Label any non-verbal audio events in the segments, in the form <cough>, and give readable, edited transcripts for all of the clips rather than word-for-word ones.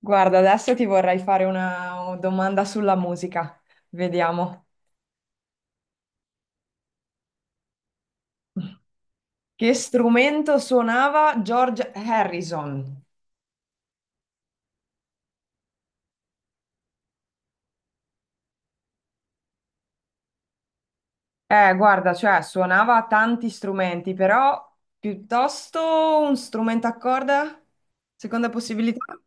Guarda, adesso ti vorrei fare una domanda sulla musica. Vediamo. Che strumento suonava George Harrison? Guarda, cioè suonava tanti strumenti, però piuttosto un strumento a corda? Seconda possibilità?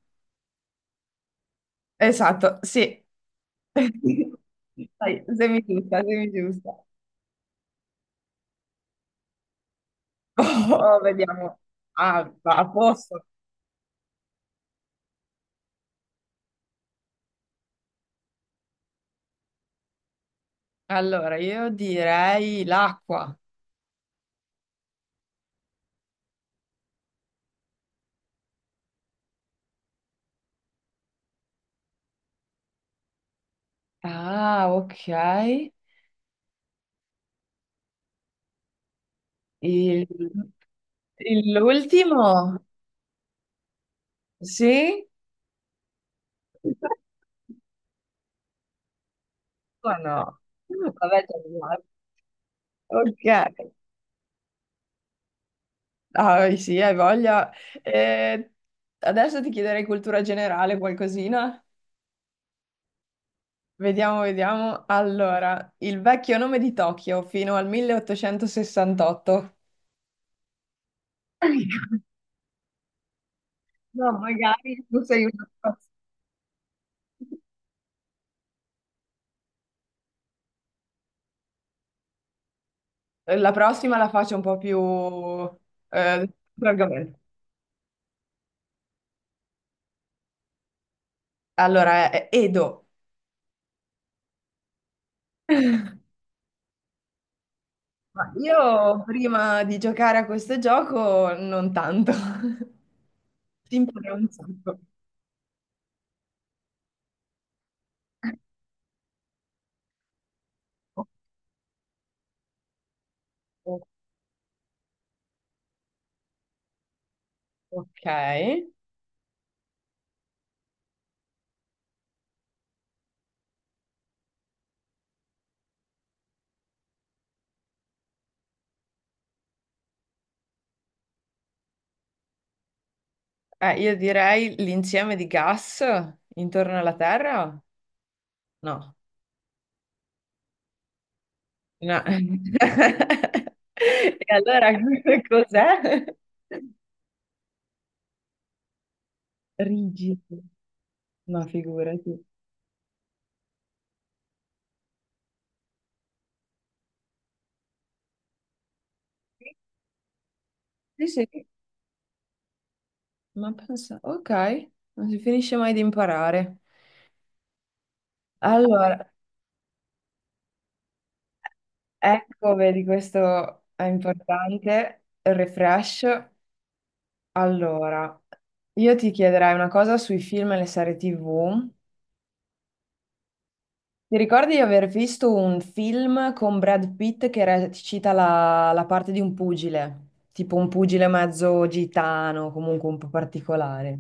Esatto, sì. <laughs> Dai, semi giusta, semi giusta. Oh, vediamo. Ah, va a posto. Allora, io direi l'acqua. Ah, ok. E l'ultimo? Sì? O no? Vabbè, te lo guardo. Ok. Ah, sì, hai voglia. Eh, adesso ti chiederei cultura generale, qualcosina. Vediamo, vediamo. Allora, il vecchio nome di Tokyo fino al 1868. No, magari tu sei una... La prossima la faccio un po' più... argomento. Allora, è Edo. Ma io prima di giocare a questo gioco non tanto, <laughs> si impara un sacco. O- o- Ok. Io direi l'insieme di gas intorno alla Terra? No. No. <laughs> E allora <laughs> cos'è? Rigido, ma figurati. Sì, sì, ma pensa, ok, non si finisce mai di imparare. Allora, ecco, vedi, questo è importante. Refresh. Allora, io ti chiederei una cosa sui film e le serie TV. Ti ricordi di aver visto un film con Brad Pitt che recita la parte di un pugile? Tipo un pugile mezzo gitano, comunque un po' particolare.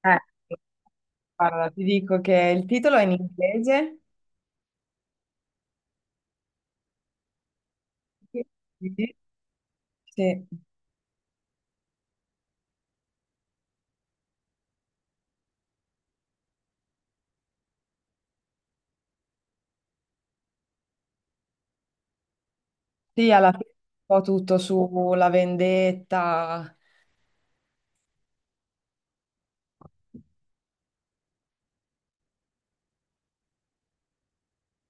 Ecco, guarda, ti dico che il titolo è in inglese. Sì, sì, sì, alla fine un po' tutto sulla vendetta.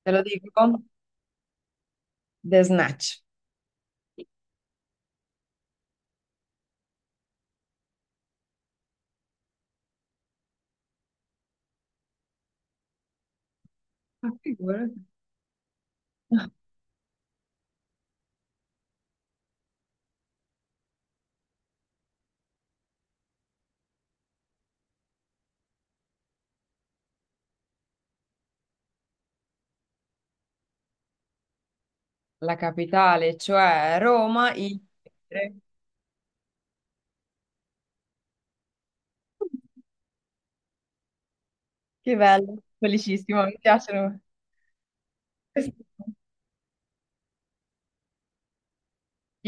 Te lo dico? The Snatch. Ma figurati. La capitale, cioè Roma, il... Che bello, felicissimo, mi piacciono.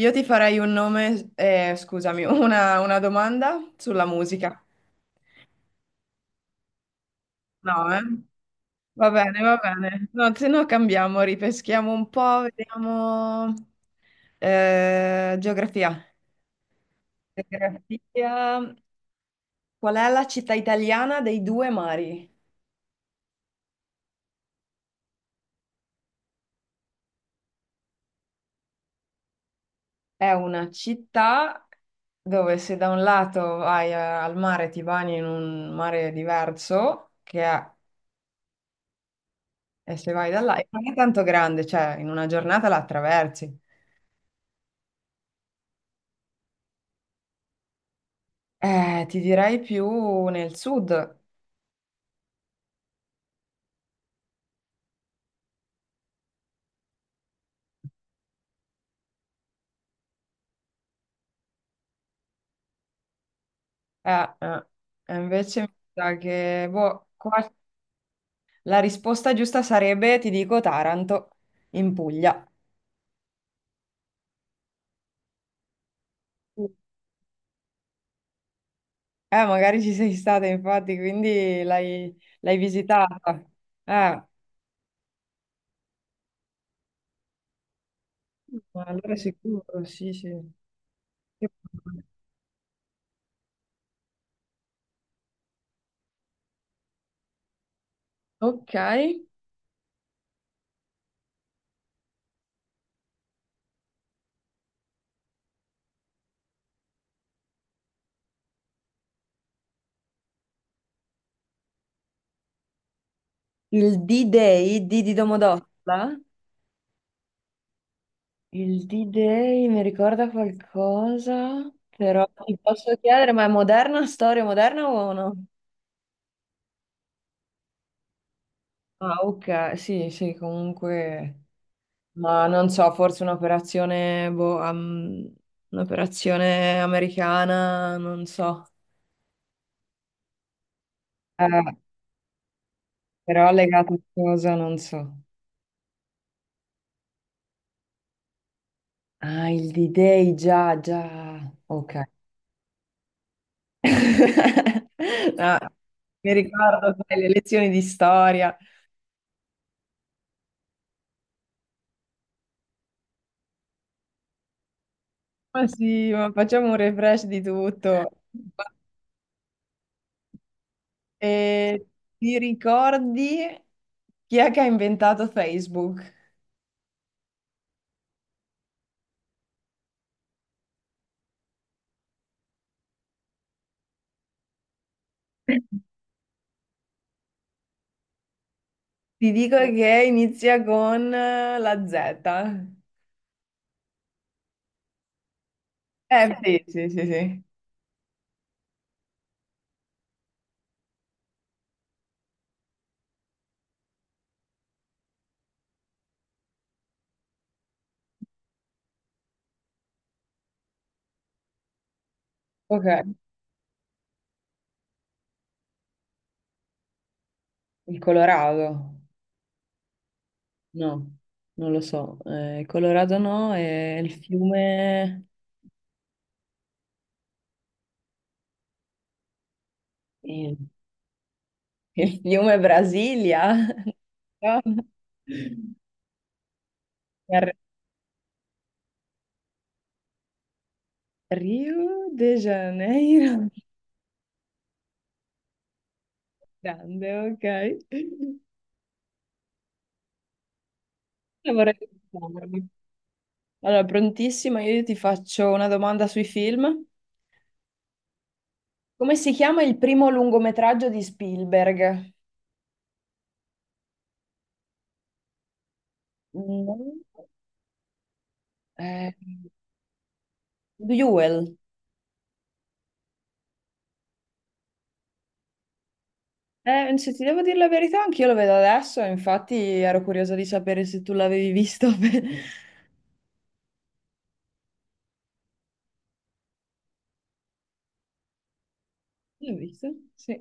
Io ti farei un nome, scusami, una domanda sulla musica. No, eh? Va bene, va bene. No, se no cambiamo, ripeschiamo un po', vediamo... geografia. Geografia. Qual è la città italiana dei due mari? È una città dove se da un lato vai al mare ti bagni in un mare diverso, che è, e se vai da là, e non è tanto grande, cioè in una giornata la attraversi. Ti direi più nel sud. Eh, eh, e invece mi sa che boh, qua la risposta giusta sarebbe, ti dico, Taranto, in Puglia. Magari ci sei stata infatti, quindi l'hai visitata. Eh. Ma allora è sicuro, sì, sì. Che palle. Ok. Il D-Day, D di Domodossola? Il D-Day mi ricorda qualcosa, però ti posso chiedere, ma è moderna, storia moderna o no? Ah, ok, sì, sì, comunque, ma non so, forse un'operazione, boh, un'operazione americana, non so. Eh, però legata a cosa, non so. Ah, il D-Day, già, già, ok. <laughs> No, mi ricordo sai, le lezioni di storia. Ma sì, ma facciamo un refresh di tutto. E ti ricordi chi è che ha inventato Facebook? Ti dico che inizia con la Z. Eh sì, sì, sì, sì. Ok. Il Colorado? No, non lo so. Il Colorado no, è il fiume... eh, Il fiume Brasilia? No. <laughs> Ar- Rio de Janeiro. Grande, ok. Allora, vorrei pensarmi. Allora, prontissima, io ti faccio una domanda sui film. Come si chiama il primo lungometraggio di Spielberg? No. Eh, Duel. Se ti devo dire la verità, anch'io lo vedo adesso, infatti ero curiosa di sapere se tu l'avevi visto. <laughs> L'hai visto? Sì.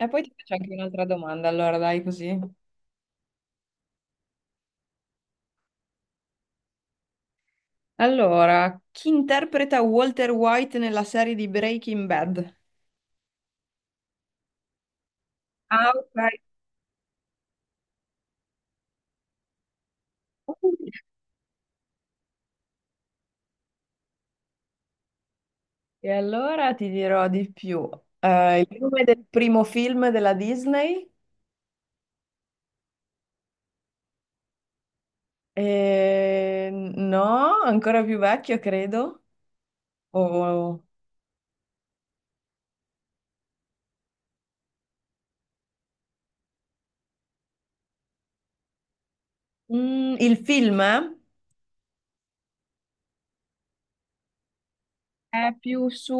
E poi ti faccio anche un'altra domanda, allora dai così. Allora, chi interpreta Walter White nella serie di Breaking Bad? Ah, ok. E allora ti dirò di più. Il nome del primo film della Disney? No, ancora più vecchio, credo. O- Mm, il film è più su,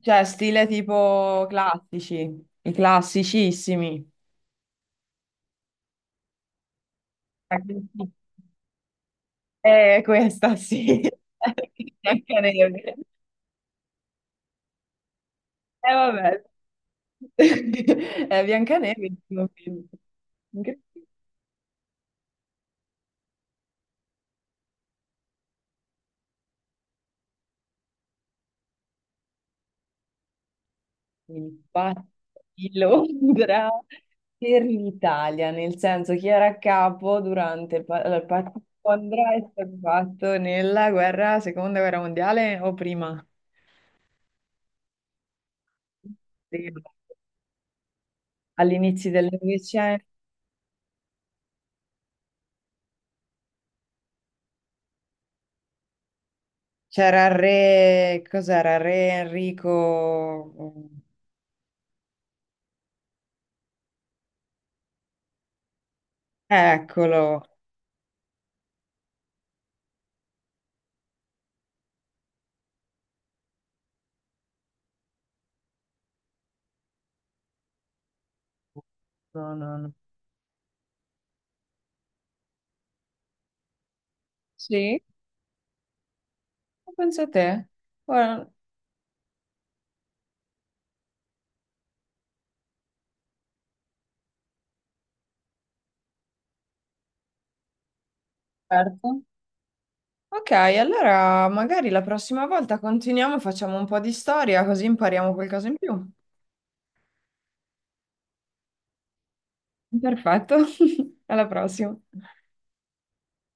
cioè, stile tipo classici, i classicissimi. È questa, sì. <laughs> Biancaneve. Vabbè. <laughs> È Biancaneve, il primo film. Incredibile. Infatti, Londra per l'Italia, nel senso chi era a capo durante il allora, il patto di Londra è stato fatto nella guerra, seconda guerra mondiale o prima? Prima. All'inizio del Novecento c'era il re, cos'era? Re Enrico. Eccolo. No, no, no. Sì, ma pensa a te. Guarda, certo. Ok, allora magari la prossima volta continuiamo e facciamo un po' di storia, così impariamo qualcosa in più. Perfetto. <laughs> Alla prossima.